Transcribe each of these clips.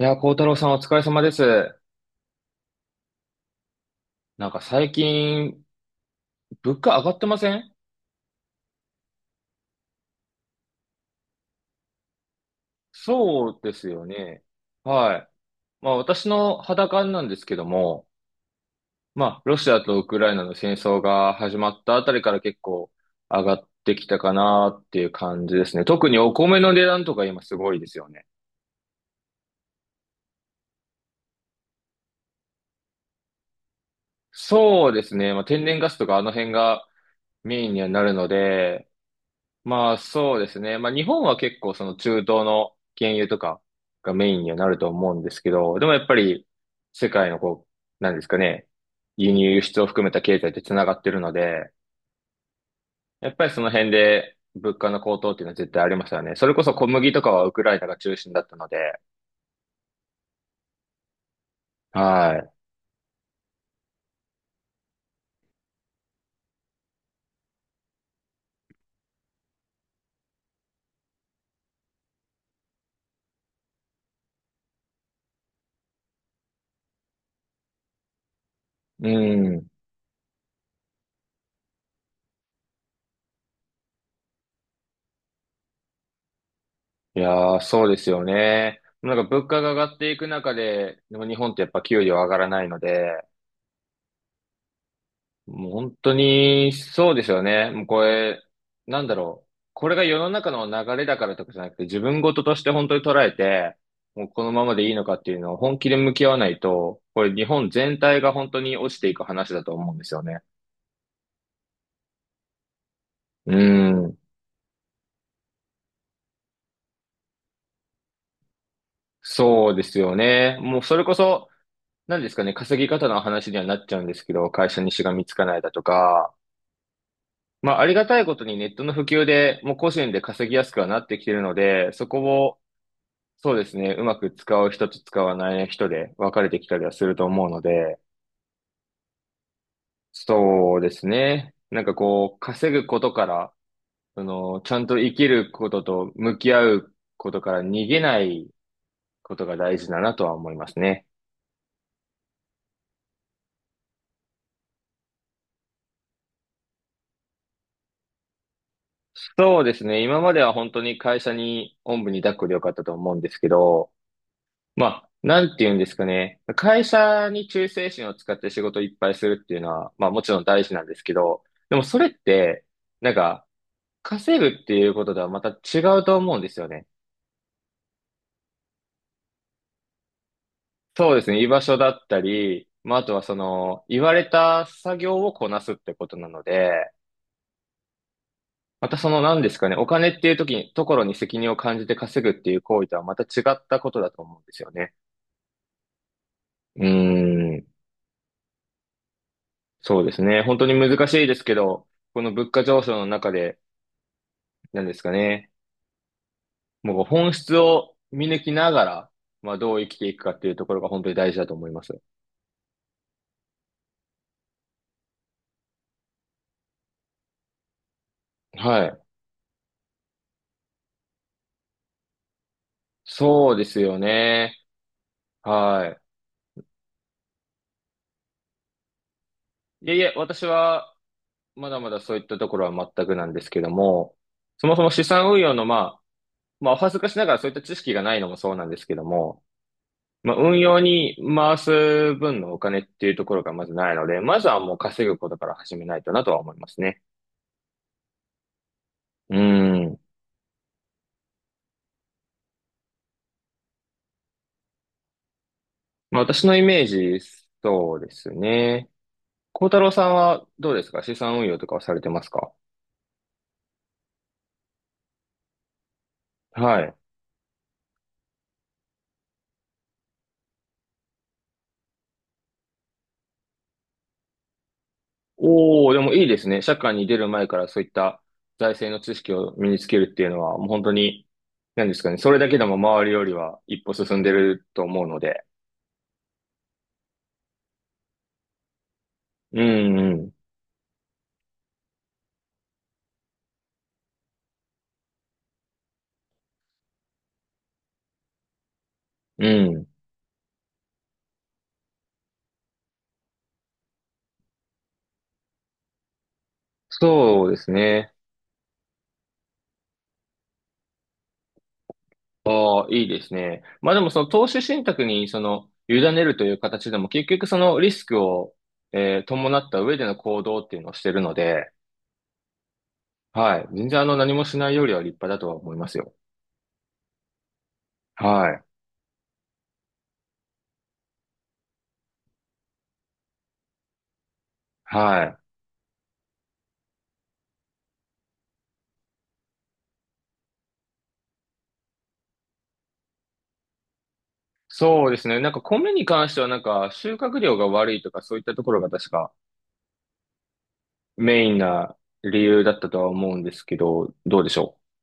いやー、幸太郎さんお疲れ様です。なんか最近、物価上がってません？そうですよね。はい。まあ私の肌感なんですけども、まあロシアとウクライナの戦争が始まったあたりから結構上がってきたかなっていう感じですね。特にお米の値段とか今すごいですよね。そうですね。まあ天然ガスとかあの辺がメインにはなるので、まあそうですね。まあ日本は結構その中東の原油とかがメインにはなると思うんですけど、でもやっぱり世界のこう、なんですかね、輸入輸出を含めた経済って繋がってるので、やっぱりその辺で物価の高騰っていうのは絶対ありますよね。それこそ小麦とかはウクライナが中心だったので、はい。うん。いやー、そうですよね。なんか物価が上がっていく中で、でも日本ってやっぱ給料上がらないので、もう本当に、そうですよね。もうこれ、なんだろう。これが世の中の流れだからとかじゃなくて、自分事として本当に捉えて、もうこのままでいいのかっていうのを本気で向き合わないと、これ日本全体が本当に落ちていく話だと思うんですよね。うん。そうですよね。もうそれこそ、何ですかね、稼ぎ方の話にはなっちゃうんですけど、会社にしがみつかないだとか、まあありがたいことにネットの普及で、もう個人で稼ぎやすくはなってきてるので、そこを、そうですね。うまく使う人と使わない人で分かれてきたりはすると思うので、そうですね。なんかこう、稼ぐことから、その、ちゃんと生きることと向き合うことから逃げないことが大事だなとは思いますね。そうですね。今までは本当に会社におんぶに抱っこでよかったと思うんですけど、まあ、なんて言うんですかね。会社に忠誠心を使って仕事をいっぱいするっていうのは、まあもちろん大事なんですけど、でもそれって、なんか、稼ぐっていうこととはまた違うと思うんですよね。そうですね。居場所だったり、まあ、あとはその、言われた作業をこなすってことなので、またその何ですかね、お金っていう時に、ところに責任を感じて稼ぐっていう行為とはまた違ったことだと思うんですよね。うーん。そうですね。本当に難しいですけど、この物価上昇の中で、何ですかね、もう本質を見抜きながら、まあ、どう生きていくかっていうところが本当に大事だと思います。はい。そうですよね。はい。いえいえ、私は、まだまだそういったところは全くなんですけども、そもそも資産運用の、まあ、お恥ずかしながらそういった知識がないのもそうなんですけども、まあ、運用に回す分のお金っていうところがまずないので、まずはもう稼ぐことから始めないとなとは思いますね。うん。まあ、私のイメージ、そうですね。幸太郎さんはどうですか？資産運用とかはされてますか？はい。おお、でもいいですね。社会に出る前からそういった財政の知識を身につけるっていうのは、もう本当に、何ですかね。それだけでも周りよりは一歩進んでると思うので。うん、うん、うん。そうですね。ああ、いいですね。まあでもその投資信託にその、委ねるという形でも結局そのリスクを、伴った上での行動っていうのをしてるので、はい。全然何もしないよりは立派だとは思いますよ。はい。はい。そうですね。なんか米に関してはなんか収穫量が悪いとかそういったところが確かメインな理由だったとは思うんですけど、どうでしょう。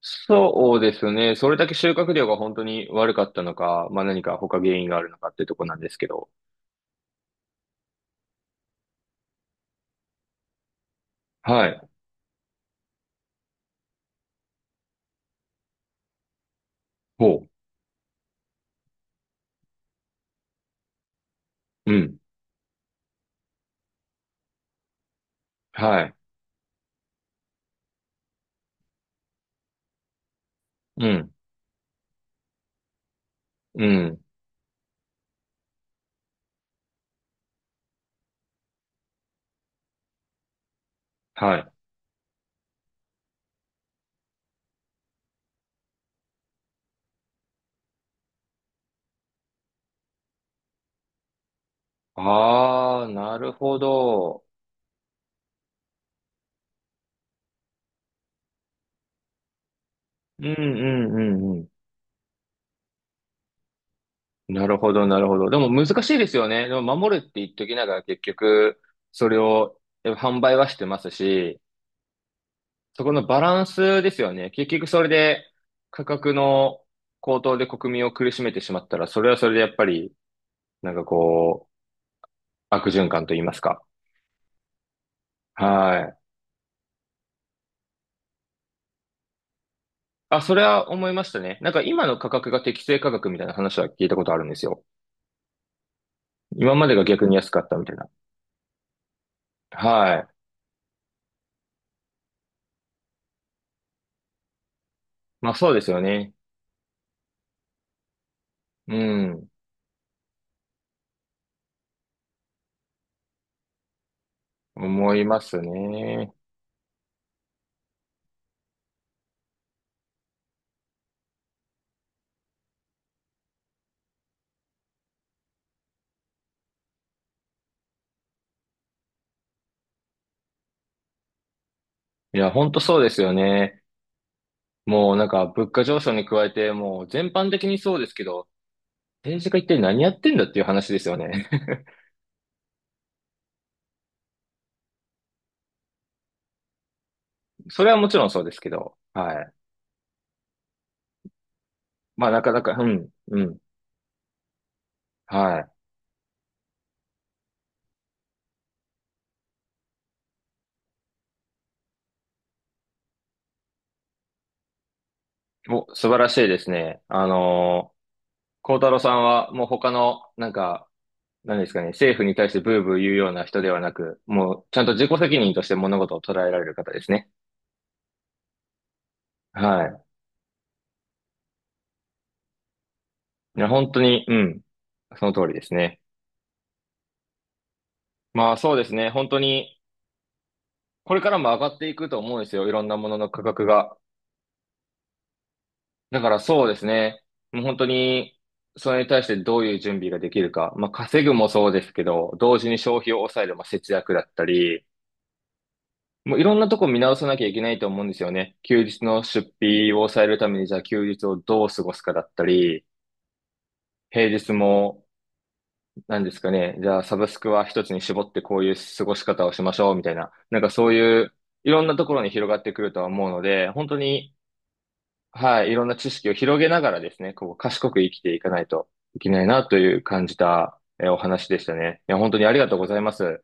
そうですね。それだけ収穫量が本当に悪かったのか、まあ何か他原因があるのかってとこなんですけど。はい。ほう。うん。はい。うん。うん。はい。ああ、なるほど。うん、うん、うん。なるほど、なるほど。でも難しいですよね。でも守るって言っときながら結局、それを販売はしてますし、そこのバランスですよね。結局それで価格の高騰で国民を苦しめてしまったら、それはそれでやっぱり、なんかこう、悪循環と言いますか。はい。あ、それは思いましたね。なんか今の価格が適正価格みたいな話は聞いたことあるんですよ。今までが逆に安かったみたいな。はい。まあそうですよね。うん。思いますね。いや、ほんとそうですよね。もうなんか物価上昇に加えて、もう全般的にそうですけど、政治家一体何やってんだっていう話ですよね。それはもちろんそうですけど、はい。まあなかなか、うん、うん、はい。お、素晴らしいですね。孝太郎さんはもう他の、なんか、何ですかね、政府に対してブーブー言うような人ではなく、もうちゃんと自己責任として物事を捉えられる方ですね。はい。いや、本当に、うん、その通りですね。まあそうですね、本当に、これからも上がっていくと思うんですよ。いろんなものの価格が。だからそうですね。もう本当に、それに対してどういう準備ができるか。まあ、稼ぐもそうですけど、同時に消費を抑える、まあ、節約だったり、もういろんなとこ見直さなきゃいけないと思うんですよね。休日の出費を抑えるために、じゃあ休日をどう過ごすかだったり、平日も、何ですかね。じゃあサブスクは一つに絞ってこういう過ごし方をしましょう、みたいな。なんかそういう、いろんなところに広がってくるとは思うので、本当に、はい、いろんな知識を広げながらですね、こう、賢く生きていかないといけないなという感じた、お話でしたね。いや、本当にありがとうございます。